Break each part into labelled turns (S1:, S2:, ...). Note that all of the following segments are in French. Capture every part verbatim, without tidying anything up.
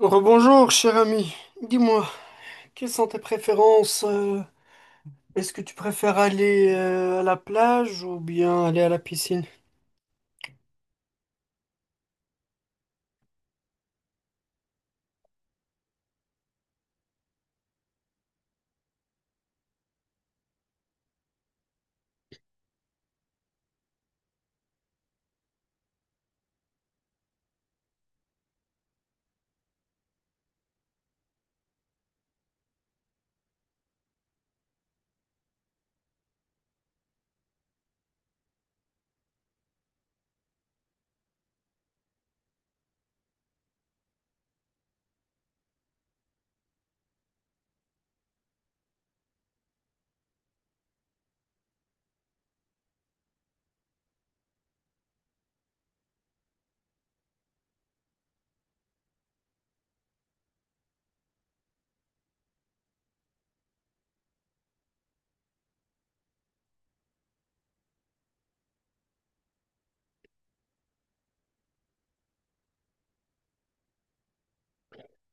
S1: Rebonjour, cher ami. Dis-moi, quelles sont tes préférences? euh, Est-ce que tu préfères aller euh, à la plage ou bien aller à la piscine?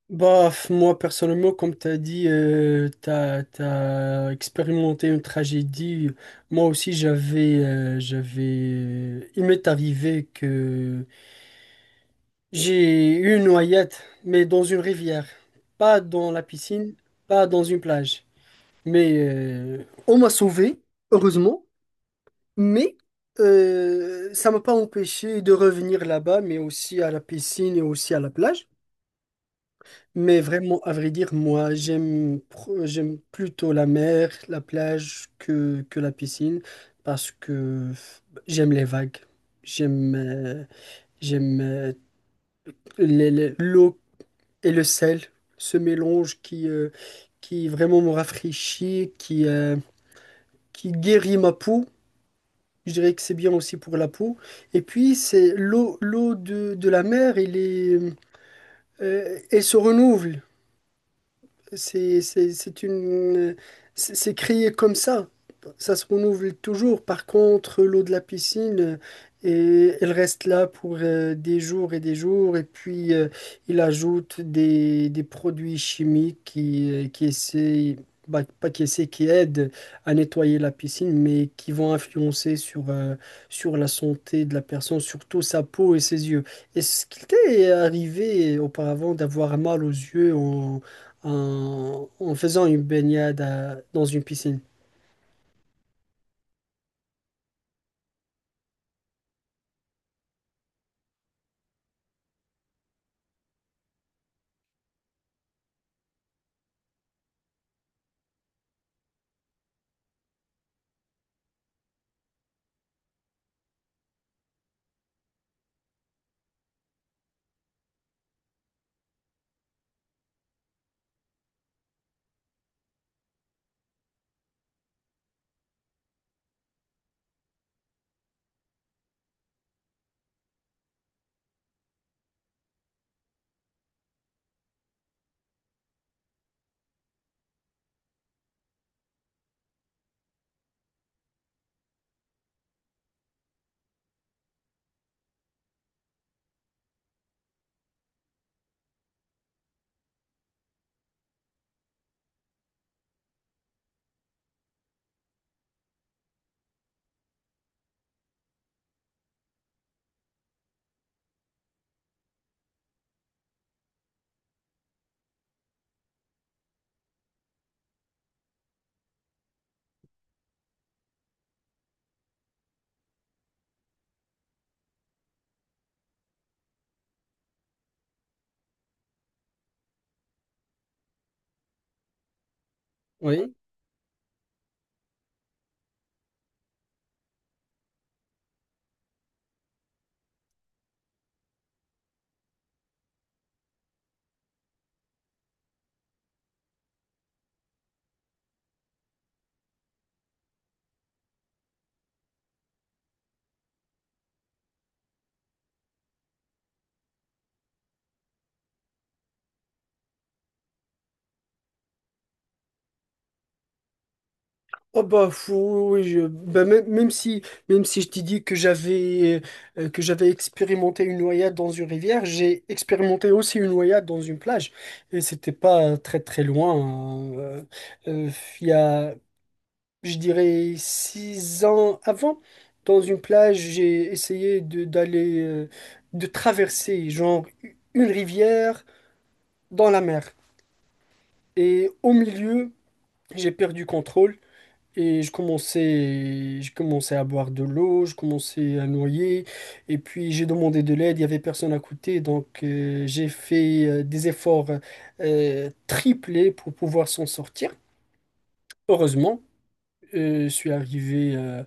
S1: Bah, f- moi personnellement, comme t'as dit, euh, t'as, t'as expérimenté une tragédie. Moi aussi, j'avais, euh, j'avais, euh, il m'est arrivé que j'ai eu une noyade, mais dans une rivière, pas dans la piscine, pas dans une plage. Mais euh, on m'a sauvé, heureusement, mais euh, ça m'a pas empêché de revenir là-bas, mais aussi à la piscine et aussi à la plage. Mais vraiment, à vrai dire, moi, j'aime pro- j'aime plutôt la mer, la plage que, que la piscine, parce que j'aime les vagues, j'aime euh, j'aime euh, les- les- l'eau et le sel, ce mélange qui, euh, qui vraiment me rafraîchit, qui, euh, qui guérit ma peau. Je dirais que c'est bien aussi pour la peau. Et puis, c'est l'eau, l'eau de, de la mer, elle est, euh, elle se renouvelle. C'est, c'est, c'est une, c'est c'est créé comme ça. Ça se renouvelle toujours. Par contre, l'eau de la piscine, euh, elle reste là pour euh, des jours et des jours. Et puis, euh, il ajoute des, des produits chimiques qui, euh, qui essaient, bah, pas qui essaient, qui aident à nettoyer la piscine, mais qui vont influencer sur, euh, sur la santé de la personne, surtout sa peau et ses yeux. Est-ce qu'il t'est arrivé euh, auparavant d'avoir mal aux yeux en en, en faisant une baignade à- dans une piscine. Oui. Oh bah fou, oui, je, bah, même, même si même si je t'ai dit que j'avais euh, que j'avais expérimenté une noyade dans une rivière, j'ai expérimenté aussi une noyade dans une plage et c'était pas très très loin, hein. Euh, euh, il y a, je dirais, six ans avant, dans une plage, j'ai essayé de d'aller euh, de traverser genre une rivière dans la mer, et au milieu j'ai perdu contrôle et je commençais, je commençais à boire de l'eau, je commençais à noyer. Et puis j'ai demandé de l'aide, il n'y avait personne à côté. Donc euh, j'ai fait euh, des efforts euh, triplés pour pouvoir s'en sortir. Heureusement, euh, je suis arrivé euh,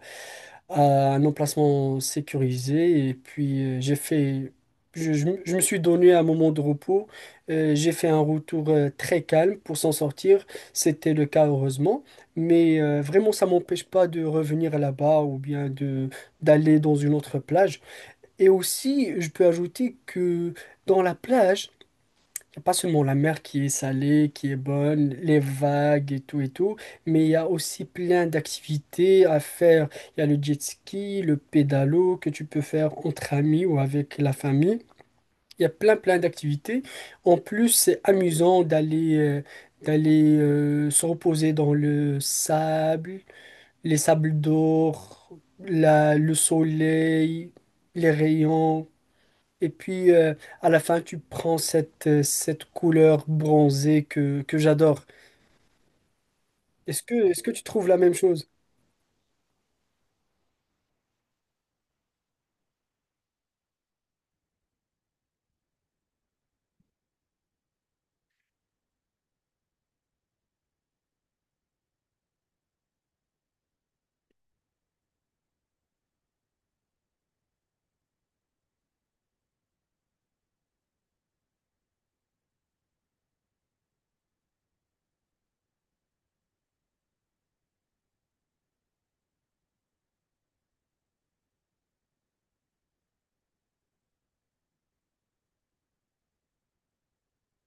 S1: à un emplacement sécurisé. Et puis, euh, j'ai fait, je, je me je me suis donné un moment de repos. Euh, j'ai fait un retour euh, très calme pour s'en sortir. C'était le cas, heureusement. Mais euh, vraiment, ça m'empêche pas de revenir là-bas ou bien de d'aller dans une autre plage. Et aussi, je peux ajouter que dans la plage, pas seulement la mer qui est salée, qui est bonne, les vagues et tout et tout, mais il y a aussi plein d'activités à faire. Il y a le jet ski, le pédalo que tu peux faire entre amis ou avec la famille. Il y a plein plein d'activités. En plus, c'est amusant d'aller euh, d'aller euh, se reposer dans le sable, les sables d'or, la- le soleil, les rayons. Et puis euh, à la fin, tu prends cette, euh, cette couleur bronzée que, que j'adore. Est-ce que, est-ce que tu trouves la même chose?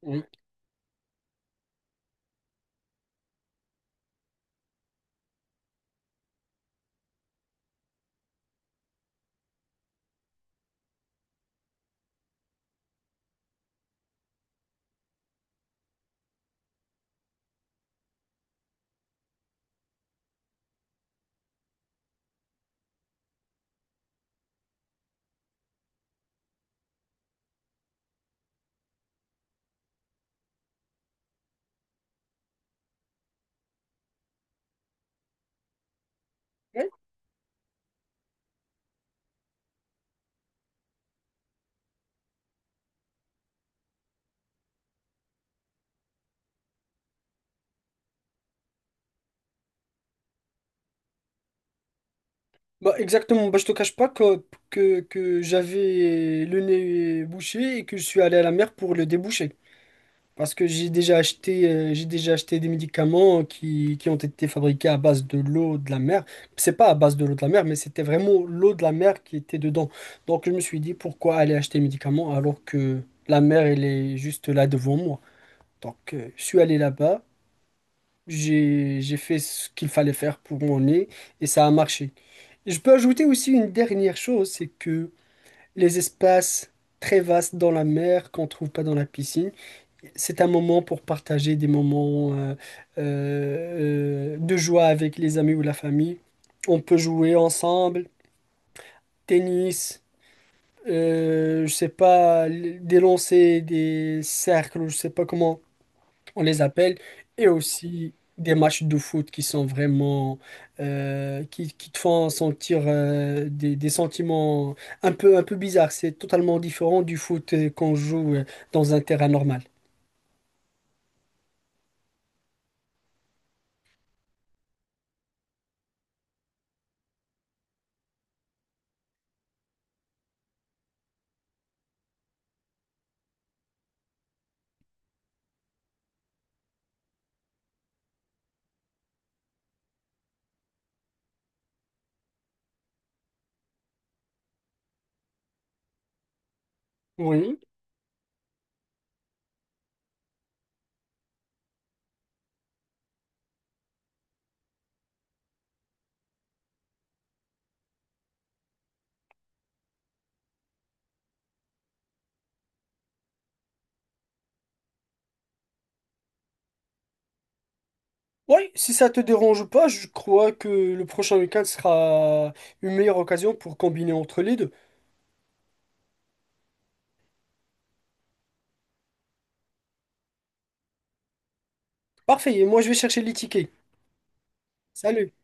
S1: Oui. Oui. Bah, exactement. Bah, je te cache pas que, que, que j'avais le nez bouché et que je suis allé à la mer pour le déboucher. Parce que j'ai déjà acheté, euh, j'ai déjà acheté des médicaments qui, qui ont été fabriqués à base de l'eau de la mer. C'est pas à base de l'eau de la mer, mais c'était vraiment l'eau de la mer qui était dedans. Donc je me suis dit, pourquoi aller acheter des médicaments alors que la mer, elle est juste là devant moi. Donc euh, je suis allé là-bas, j'ai, j'ai fait ce qu'il fallait faire pour mon nez et ça a marché. Je peux ajouter aussi une dernière chose, c'est que les espaces très vastes dans la mer qu'on trouve pas dans la piscine, c'est un moment pour partager des moments euh, euh, euh, de joie avec les amis ou la famille. On peut jouer ensemble, tennis, euh, je sais pas, l- des lancers, des cercles, je sais pas comment on les appelle, et aussi des matchs de foot qui sont vraiment euh, qui, qui te font sentir euh, des, des sentiments un peu un peu bizarres. C'est totalement différent du foot euh, qu'on joue euh, dans un terrain normal. Oui. Oui, si ça te dérange pas, je crois que le prochain week-end sera une meilleure occasion pour combiner entre les deux. Parfait, et moi je vais chercher les tickets. Salut.